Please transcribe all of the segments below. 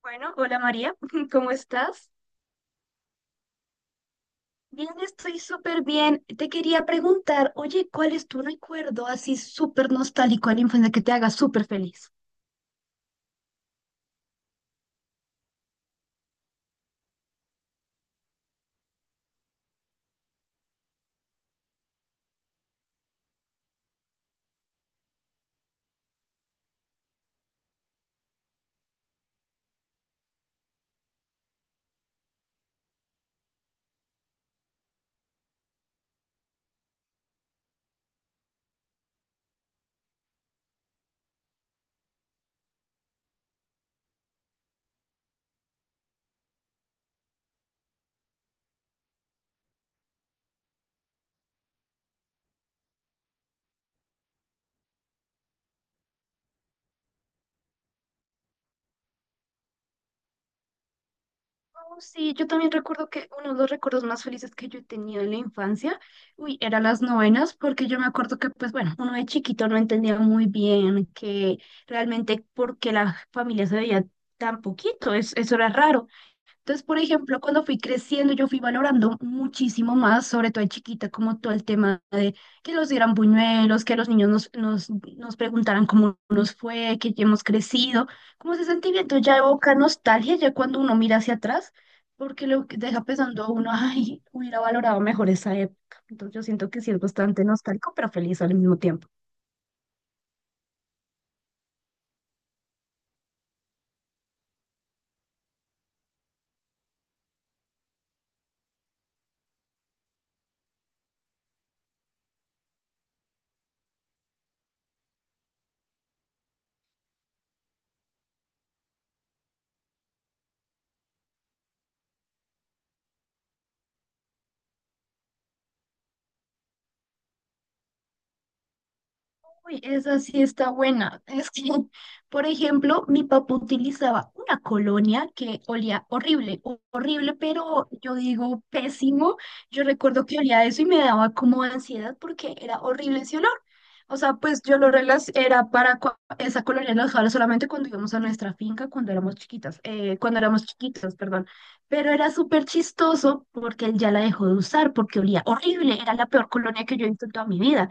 Bueno, hola María, ¿cómo estás? Bien, estoy súper bien. Te quería preguntar, oye, ¿cuál es tu recuerdo así súper nostálgico de la infancia que te haga súper feliz? Oh, sí, yo también recuerdo que uno de los recuerdos más felices que yo he tenido en la infancia, uy, eran las novenas, porque yo me acuerdo que, pues bueno, uno de chiquito no entendía muy bien que realmente porque la familia se veía tan poquito, eso era raro. Entonces, por ejemplo, cuando fui creciendo, yo fui valorando muchísimo más, sobre todo de chiquita, como todo el tema de que los dieran buñuelos, que los niños nos preguntaran cómo nos fue, que ya hemos crecido, como ese sentimiento ya evoca nostalgia ya cuando uno mira hacia atrás, porque lo que deja pensando a uno, ay, hubiera valorado mejor esa época. Entonces, yo siento que sí es bastante nostálgico, pero feliz al mismo tiempo. Uy, esa sí está buena. Es que, por ejemplo, mi papá utilizaba una colonia que olía horrible, horrible, pero yo digo pésimo. Yo recuerdo que olía eso y me daba como ansiedad porque era horrible ese olor. O sea, pues yo lo relac era para cua- esa colonia la usaba solamente cuando íbamos a nuestra finca cuando éramos chiquitas, cuando éramos chiquitos, perdón. Pero era súper chistoso porque él ya la dejó de usar porque olía horrible. Era la peor colonia que yo he visto en toda mi vida,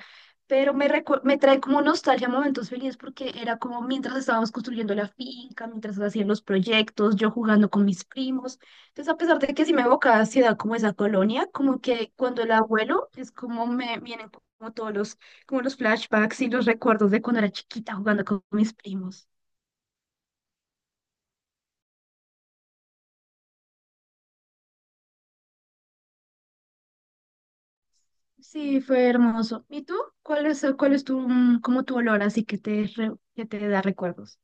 pero me trae como nostalgia momentos felices porque era como mientras estábamos construyendo la finca, mientras hacían los proyectos, yo jugando con mis primos. Entonces, a pesar de que sí me evocaba ansiedad como esa colonia, como que cuando el abuelo es como me vienen como todos como los flashbacks y los recuerdos de cuando era chiquita jugando con mis primos. Sí, fue hermoso. ¿Y tú? ¿Cuál es tu, como tu olor así que te, que te da recuerdos?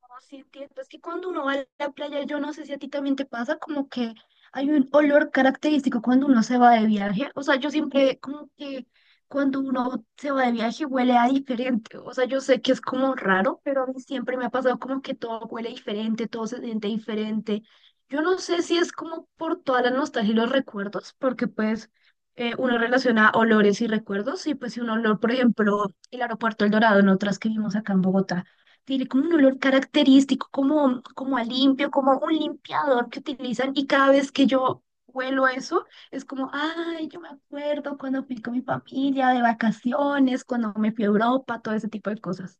No, sí, entiendo. Es que cuando uno va a la playa, yo no sé si a ti también te pasa, como que hay un olor característico cuando uno se va de viaje. O sea, yo siempre, como que cuando uno se va de viaje huele a diferente. O sea, yo sé que es como raro, pero a mí siempre me ha pasado como que todo huele diferente, todo se siente diferente. Yo no sé si es como por toda la nostalgia y los recuerdos, porque pues uno relaciona olores y recuerdos, y pues si un olor, por ejemplo, el aeropuerto El Dorado, en otras que vimos acá en Bogotá tiene como un olor característico, como a limpio, como un limpiador que utilizan y cada vez que yo huelo eso, es como, ay, yo me acuerdo cuando fui con mi familia de vacaciones, cuando me fui a Europa, todo ese tipo de cosas.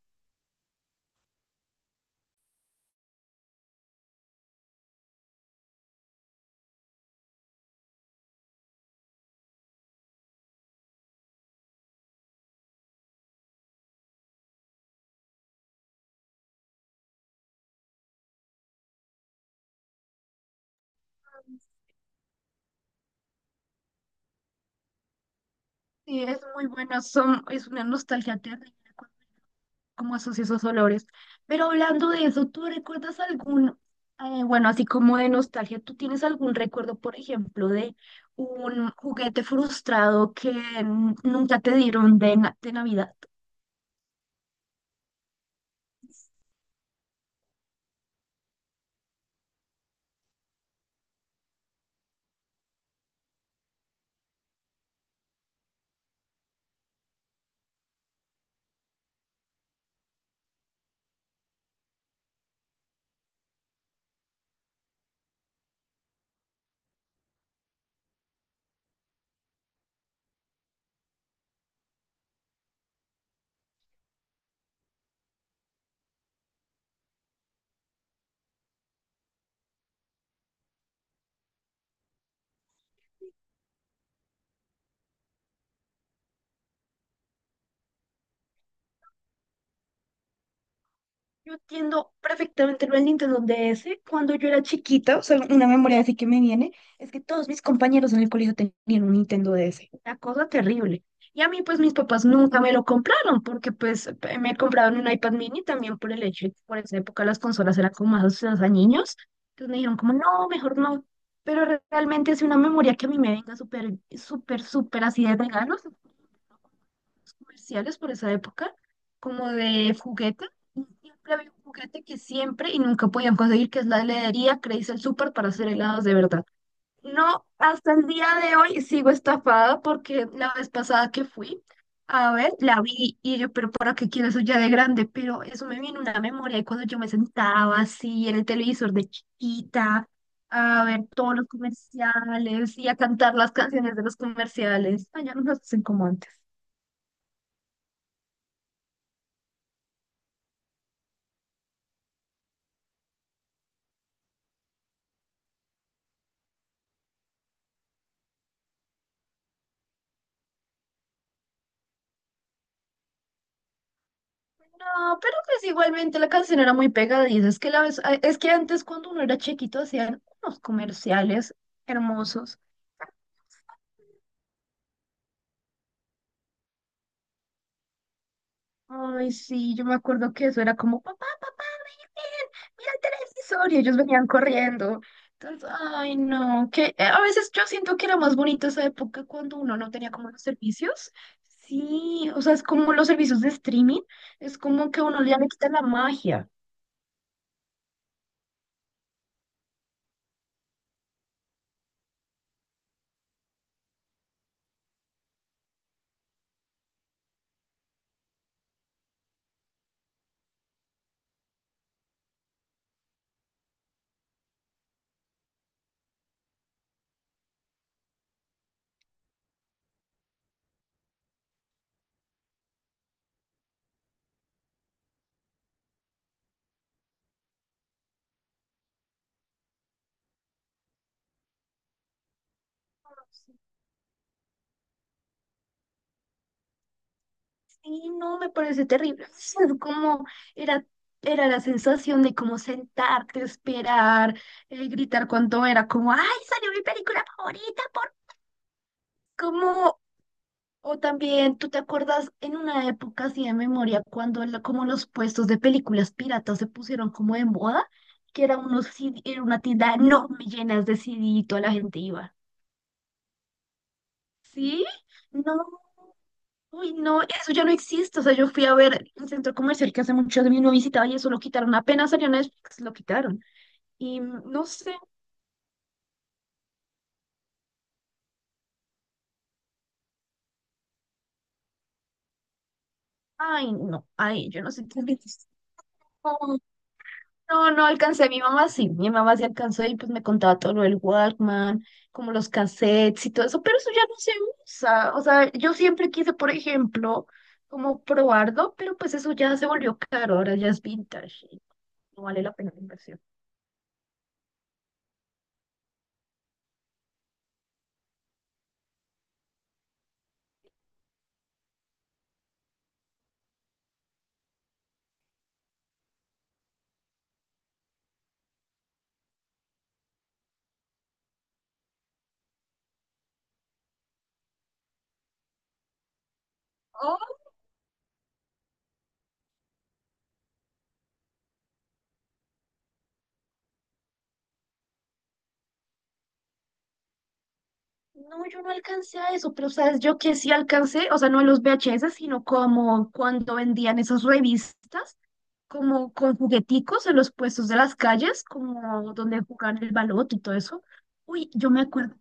Sí, es muy bueno, es una nostalgia terrible como esos olores. Pero hablando de eso, ¿tú recuerdas algún, bueno, así como de nostalgia, ¿tú tienes algún recuerdo, por ejemplo, de un juguete frustrado que nunca te dieron de, de Navidad? Yo entiendo perfectamente lo del Nintendo DS. Cuando yo era chiquita, o sea, una memoria así que me viene, es que todos mis compañeros en el colegio tenían un Nintendo DS. Una cosa terrible. Y a mí, pues, mis papás nunca me lo compraron, porque, pues, me compraron un iPad mini también por el hecho de que por esa época las consolas eran como más asociadas a niños. Entonces me dijeron como, no, mejor no. Pero realmente es una memoria que a mí me venga súper así de regalo comerciales por esa época, como de juguete. Y siempre había un juguete que siempre y nunca podían conseguir, que es la heladería Crazy el Super para hacer helados de verdad. No, hasta el día de hoy sigo estafada porque la vez pasada que fui, a ver, la vi y yo, pero ¿para qué quiero eso ya de grande? Pero eso me viene una memoria de cuando yo me sentaba así en el televisor de chiquita, a ver todos los comerciales y a cantar las canciones de los comerciales. Ay, ya no nos hacen como antes. No, pero pues igualmente la canción era muy pegadiza. Es que, la vez, es que antes cuando uno era chiquito hacían unos comerciales hermosos. Ay, sí, yo me acuerdo que eso era como, papá, papá, miren, mira el televisor. Y ellos venían corriendo. Entonces, ay, no, que a veces yo siento que era más bonito esa época cuando uno no tenía como los servicios. Sí, o sea, es como los servicios de streaming, es como que a uno ya le quita la magia. Sí, no, me parece terrible. Es como era, era la sensación de como sentarte, esperar, gritar cuando era como, ¡ay, salió mi película favorita! Por... Como, o también, ¿tú te acuerdas en una época así de memoria cuando como los puestos de películas piratas se pusieron como de moda? Que era, unos CD, era una tienda enorme llenas de CD y toda la gente iba. ¿Sí? No, uy, no, eso ya no existe. O sea, yo fui a ver un centro comercial que hace mucho de mí no visitaba y eso lo quitaron. Apenas salió Netflix, lo quitaron. Y no sé, ay, no, ay, yo no sé qué es. No, no alcancé. Mi mamá sí alcanzó y pues me contaba todo lo del Walkman, como los cassettes y todo eso, pero eso ya no se usa. O sea, yo siempre quise, por ejemplo, como probarlo, pero pues eso ya se volvió caro, ahora ya es vintage y no vale la pena la inversión. No, yo no alcancé a eso, pero sabes, yo que sí alcancé, o sea, no a los VHS, sino como cuando vendían esas revistas, como con jugueticos en los puestos de las calles, como donde jugaban el baloto y todo eso. Uy, yo me acuerdo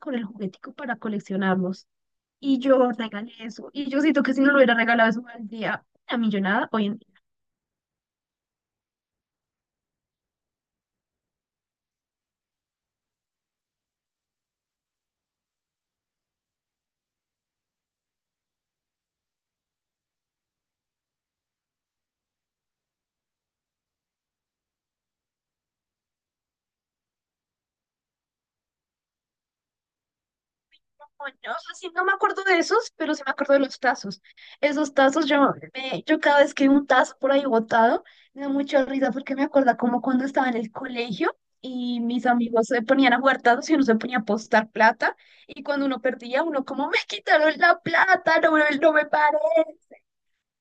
con el juguetico para coleccionarlos. Y yo regalé eso. Y yo siento que si no lo hubiera regalado eso, día una millonada hoy en... Bueno, o sea, sí, no me acuerdo de esos, pero sí me acuerdo de los tazos. Esos tazos, yo cada vez que veo un tazo por ahí botado, me da mucha risa porque me acuerda como cuando estaba en el colegio y mis amigos se ponían a jugar tazos y uno se ponía a apostar plata. Y cuando uno perdía, uno como, me quitaron la plata, no, no me paré.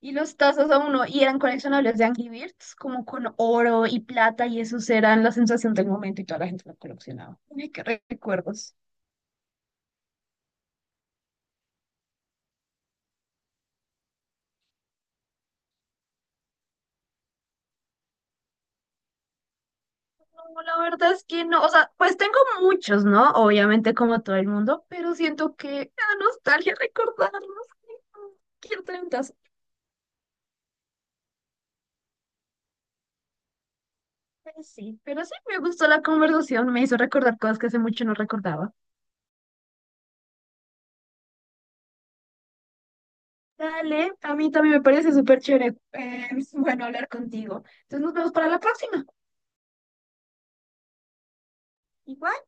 Y los tazos a uno, y eran coleccionables de Angry Birds, como con oro y plata, y esos eran la sensación del momento y toda la gente lo coleccionaba. Uy, qué recuerdos. No, la verdad es que no, o sea, pues tengo muchos, ¿no? Obviamente como todo el mundo, pero siento que me da nostalgia recordarlos. Ay, no, quiero tener un tazo. Pues sí, pero sí me gustó la conversación, me hizo recordar cosas que hace mucho no recordaba. Dale, a mí también me parece súper chévere, bueno, hablar contigo. Entonces nos vemos para la próxima. Igual.